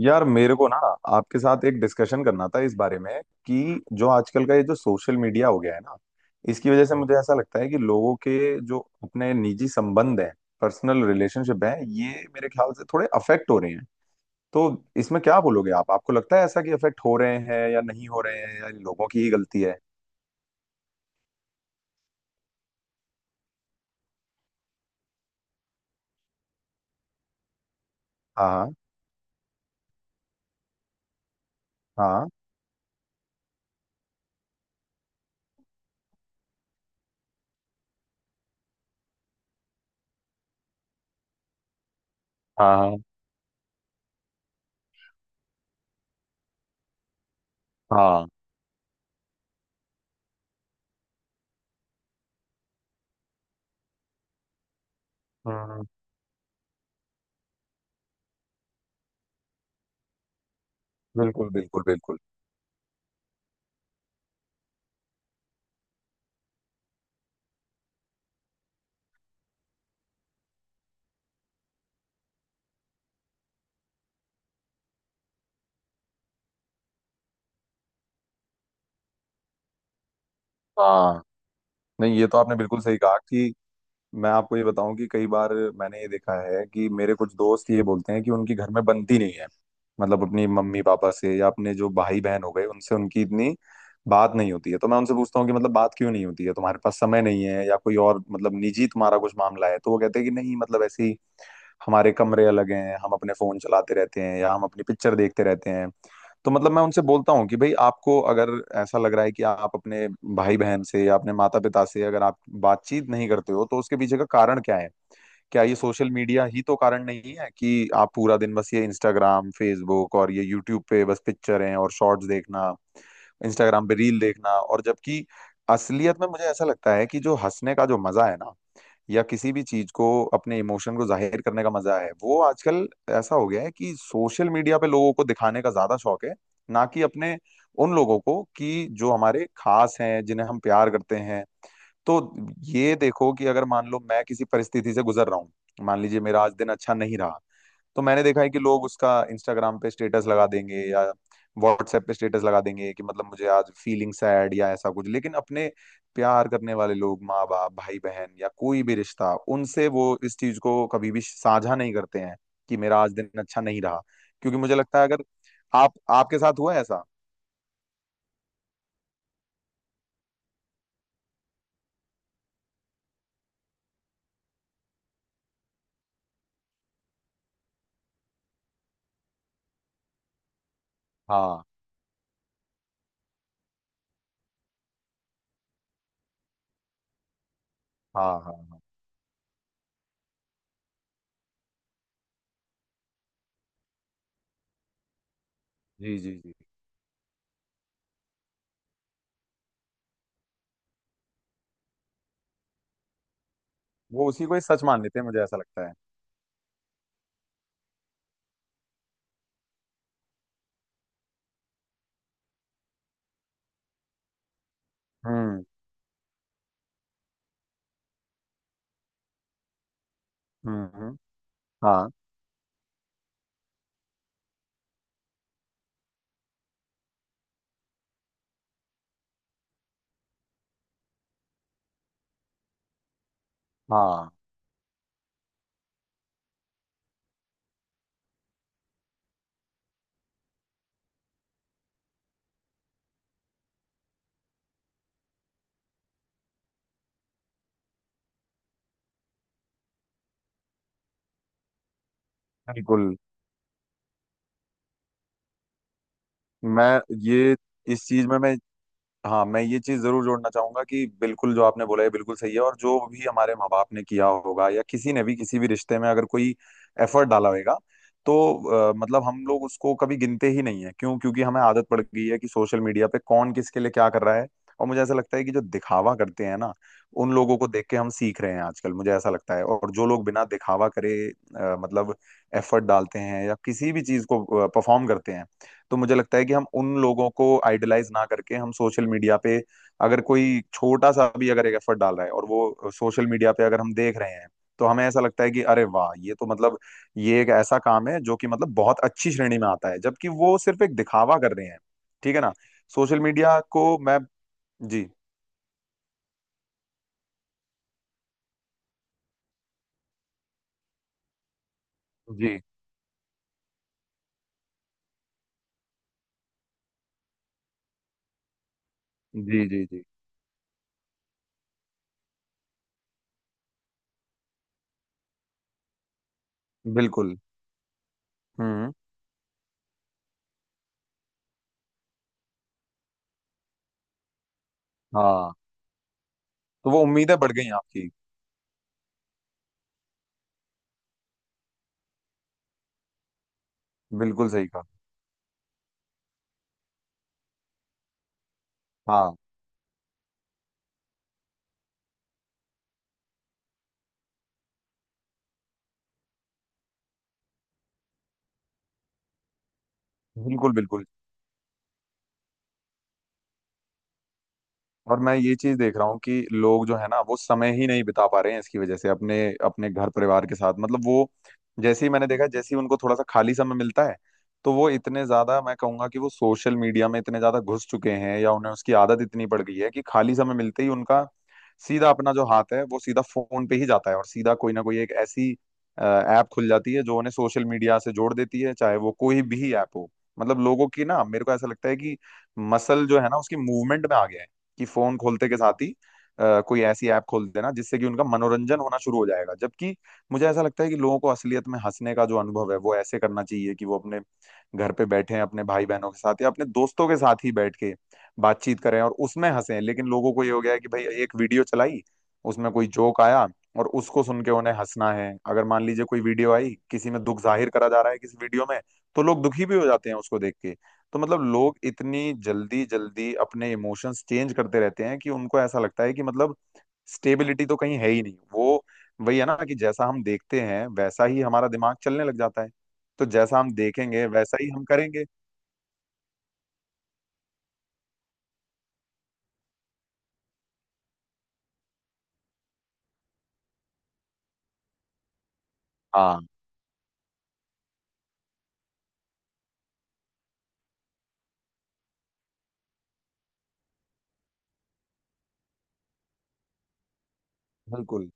यार मेरे को ना आपके साथ एक डिस्कशन करना था इस बारे में कि जो आजकल का ये जो सोशल मीडिया हो गया है ना, इसकी वजह से मुझे ऐसा लगता है कि लोगों के जो अपने निजी संबंध हैं, पर्सनल रिलेशनशिप हैं, ये मेरे ख्याल से थोड़े अफेक्ट हो रहे हैं। तो इसमें क्या बोलोगे आप? आपको लगता है ऐसा कि अफेक्ट हो रहे हैं या नहीं हो रहे हैं, या इन लोगों की ही गलती है? हाँ। हाँ। हाँ। हाँ। हाँ। हम्म। बिल्कुल बिल्कुल बिल्कुल। हाँ। नहीं, ये तो आपने बिल्कुल सही कहा कि मैं आपको ये बताऊं कि कई बार मैंने ये देखा है कि मेरे कुछ दोस्त ये बोलते हैं कि उनकी घर में बनती नहीं है। मतलब अपनी मम्मी पापा से या अपने जो भाई बहन हो गए, उनसे उनकी इतनी बात नहीं होती है। तो मैं उनसे पूछता हूँ कि मतलब बात क्यों नहीं होती है, तुम्हारे पास समय नहीं है या कोई और मतलब निजी तुम्हारा कुछ मामला है? तो वो कहते हैं कि नहीं, मतलब ऐसे ही हमारे कमरे अलग हैं, हम अपने फोन चलाते रहते हैं या हम अपनी पिक्चर देखते रहते हैं। तो मतलब मैं उनसे बोलता हूँ कि भाई आपको अगर ऐसा लग रहा है कि आप अपने भाई बहन से या अपने माता पिता से अगर आप बातचीत नहीं करते हो, तो उसके पीछे का कारण क्या है? क्या ये सोशल मीडिया ही तो कारण नहीं है कि आप पूरा दिन बस ये इंस्टाग्राम, फेसबुक और ये यूट्यूब पे बस पिक्चर हैं और शॉर्ट्स देखना, इंस्टाग्राम पे रील देखना। और जबकि असलियत में मुझे ऐसा लगता है कि जो हंसने का जो मजा है ना, या किसी भी चीज को अपने इमोशन को जाहिर करने का मजा है, वो आजकल ऐसा हो गया है कि सोशल मीडिया पे लोगों को दिखाने का ज्यादा शौक है, ना कि अपने उन लोगों को कि जो हमारे खास हैं, जिन्हें हम प्यार करते हैं। तो ये देखो कि अगर मान लो मैं किसी परिस्थिति से गुजर रहा हूँ, मान लीजिए मेरा आज दिन अच्छा नहीं रहा, तो मैंने देखा है कि लोग उसका इंस्टाग्राम पे स्टेटस लगा देंगे या व्हाट्सएप पे स्टेटस लगा देंगे कि मतलब मुझे आज फीलिंग सैड या ऐसा कुछ, लेकिन अपने प्यार करने वाले लोग, माँ बाप, भाई बहन या कोई भी रिश्ता, उनसे वो इस चीज को कभी भी साझा नहीं करते हैं कि मेरा आज दिन अच्छा नहीं रहा। क्योंकि मुझे लगता है अगर आप, आपके साथ हुआ है ऐसा? हाँ। हाँ। हाँ। जी जी जी। वो उसी को ही सच मान लेते हैं, मुझे ऐसा लगता है। हम्म। हम्म। हम्म। हाँ। हाँ। बिल्कुल। मैं ये इस चीज में मैं हाँ, मैं ये चीज जरूर जोड़ना चाहूंगा कि बिल्कुल जो आपने बोला है बिल्कुल सही है, और जो भी हमारे माँ बाप ने किया होगा या किसी ने भी किसी भी रिश्ते में अगर कोई एफर्ट डाला होगा, तो मतलब हम लोग उसको कभी गिनते ही नहीं है। क्यों? क्योंकि हमें आदत पड़ गई है कि सोशल मीडिया पे कौन किसके लिए क्या कर रहा है। और मुझे ऐसा लगता है कि जो दिखावा करते हैं ना, उन लोगों को देख के हम सीख रहे हैं आजकल, मुझे ऐसा लगता है। और जो लोग बिना दिखावा करे मतलब एफर्ट डालते हैं या किसी भी चीज को परफॉर्म करते हैं, तो मुझे लगता है कि हम उन लोगों को आइडलाइज ना करके, हम सोशल मीडिया पे अगर कोई छोटा सा भी अगर एक एफर्ट डाल रहा है और वो सोशल मीडिया पे अगर हम देख रहे हैं, तो हमें ऐसा लगता है कि अरे वाह, ये तो मतलब ये एक ऐसा काम है जो कि मतलब बहुत अच्छी श्रेणी में आता है, जबकि वो सिर्फ एक दिखावा कर रहे हैं। ठीक है ना? सोशल मीडिया को मैं। जी जी जी। जी जी। बिल्कुल। हम्म। हाँ, तो वो उम्मीदें बढ़ गई आपकी। बिल्कुल सही कहा। हाँ बिल्कुल बिल्कुल। और मैं ये चीज देख रहा हूँ कि लोग जो है ना, वो समय ही नहीं बिता पा रहे हैं इसकी वजह से अपने अपने घर परिवार के साथ। मतलब वो जैसे ही मैंने देखा, जैसे ही उनको थोड़ा सा खाली समय मिलता है, तो वो इतने ज्यादा, मैं कहूंगा कि वो सोशल मीडिया में इतने ज्यादा घुस चुके हैं या उन्हें उसकी आदत इतनी पड़ गई है कि खाली समय मिलते ही उनका सीधा अपना जो हाथ है वो सीधा फोन पे ही जाता है, और सीधा कोई ना कोई एक ऐसी ऐप खुल जाती है जो उन्हें सोशल मीडिया से जोड़ देती है, चाहे वो कोई भी ऐप हो। मतलब लोगों की ना, मेरे को ऐसा लगता है कि मसल जो है ना उसकी मूवमेंट में आ गया है कि फोन खोलते के साथ ही कोई ऐसी ऐप खोल देना जिससे कि उनका मनोरंजन होना शुरू हो जाएगा। जबकि मुझे ऐसा लगता है कि लोगों को असलियत में हंसने का जो अनुभव है वो ऐसे करना चाहिए कि वो अपने घर पे बैठे अपने भाई बहनों के साथ या अपने दोस्तों के साथ ही बैठ के बातचीत करें और उसमें हंसें। लेकिन लोगों को ये हो गया है कि भाई एक वीडियो चलाई, उसमें कोई जोक आया और उसको सुन के उन्हें हंसना है। अगर मान लीजिए कोई वीडियो आई, किसी में दुख जाहिर करा जा रहा है किसी वीडियो में, तो लोग दुखी भी हो जाते हैं उसको देख के। तो मतलब लोग इतनी जल्दी जल्दी अपने इमोशंस चेंज करते रहते हैं कि उनको ऐसा लगता है कि मतलब स्टेबिलिटी तो कहीं है ही नहीं। वो वही है ना कि जैसा हम देखते हैं वैसा ही हमारा दिमाग चलने लग जाता है, तो जैसा हम देखेंगे वैसा ही हम करेंगे। हाँ। बिल्कुल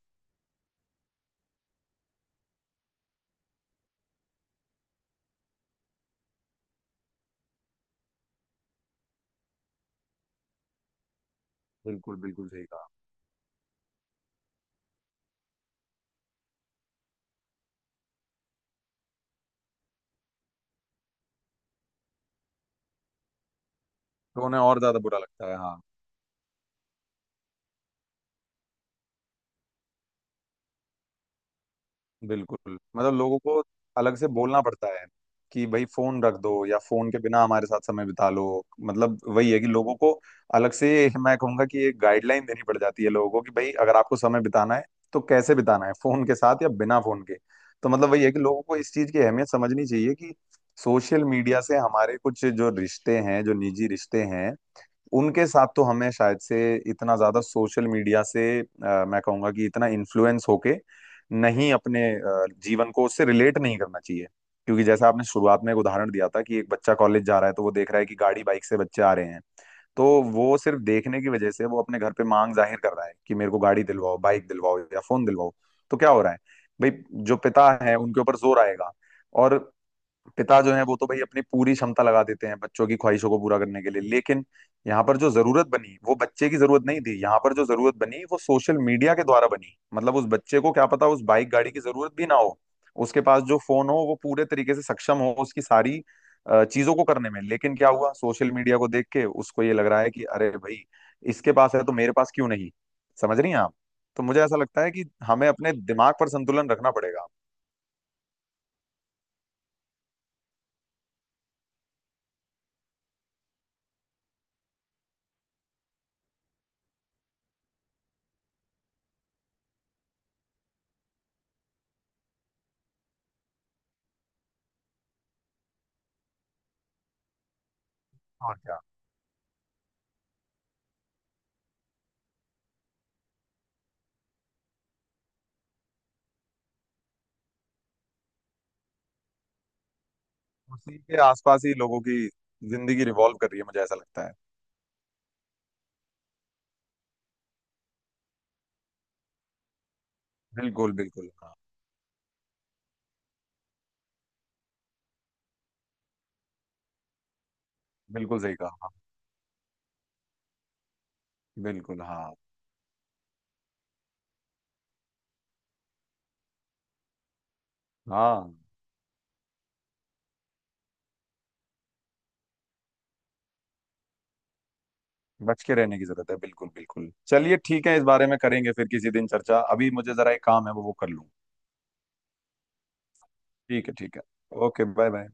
बिल्कुल। बिल्कुल सही कहा। तो उन्हें और ज्यादा बुरा लगता है, हाँ। बिल्कुल, मतलब लोगों को अलग से बोलना पड़ता है कि भाई फोन रख दो या फोन के बिना हमारे साथ समय बिता लो। मतलब वही है कि लोगों को अलग से मैं कहूंगा कि एक गाइडलाइन देनी पड़ जाती है लोगों को कि भाई अगर आपको समय बिताना है, तो कैसे बिताना है, फोन के साथ या बिना फोन के। तो मतलब वही है कि लोगों को इस चीज की अहमियत समझनी चाहिए कि सोशल मीडिया से हमारे कुछ जो रिश्ते हैं, जो निजी रिश्ते हैं, उनके साथ तो हमें शायद से इतना ज्यादा सोशल मीडिया से मैं कहूंगा कि इतना इन्फ्लुएंस होके नहीं, अपने जीवन को उससे रिलेट नहीं करना चाहिए। क्योंकि जैसा आपने शुरुआत में एक उदाहरण दिया था कि एक बच्चा कॉलेज जा रहा है तो वो देख रहा है कि गाड़ी बाइक से बच्चे आ रहे हैं, तो वो सिर्फ देखने की वजह से वो अपने घर पे मांग जाहिर कर रहा है कि मेरे को गाड़ी दिलवाओ, बाइक दिलवाओ या फोन दिलवाओ। तो क्या हो रहा है, भाई जो पिता है उनके ऊपर जोर आएगा। और पिता जो है वो तो भाई अपनी पूरी क्षमता लगा देते हैं बच्चों की ख्वाहिशों को पूरा करने के लिए, लेकिन यहाँ पर जो जरूरत बनी वो बच्चे की जरूरत नहीं थी, यहाँ पर जो जरूरत बनी वो सोशल मीडिया के द्वारा बनी। मतलब उस बच्चे को क्या पता, उस बाइक गाड़ी की जरूरत भी ना हो, उसके पास जो फोन हो वो पूरे तरीके से सक्षम हो उसकी सारी चीजों को करने में। लेकिन क्या हुआ, सोशल मीडिया को देख के उसको ये लग रहा है कि अरे भाई इसके पास है तो मेरे पास क्यों नहीं। समझ रही हैं आप? तो मुझे ऐसा लगता है कि हमें अपने दिमाग पर संतुलन रखना पड़ेगा। और क्या, उसी के आसपास ही लोगों की जिंदगी रिवॉल्व कर रही है, मुझे ऐसा लगता है। बिल्कुल बिल्कुल। हाँ। बिल्कुल सही कहा, हाँ। बिल्कुल, हाँ। हाँ, बच के रहने की जरूरत है, बिल्कुल बिल्कुल। चलिए ठीक है, इस बारे में करेंगे फिर किसी दिन चर्चा, अभी मुझे जरा एक काम है, वो कर लूँ। ठीक है ठीक है। Okay, bye bye.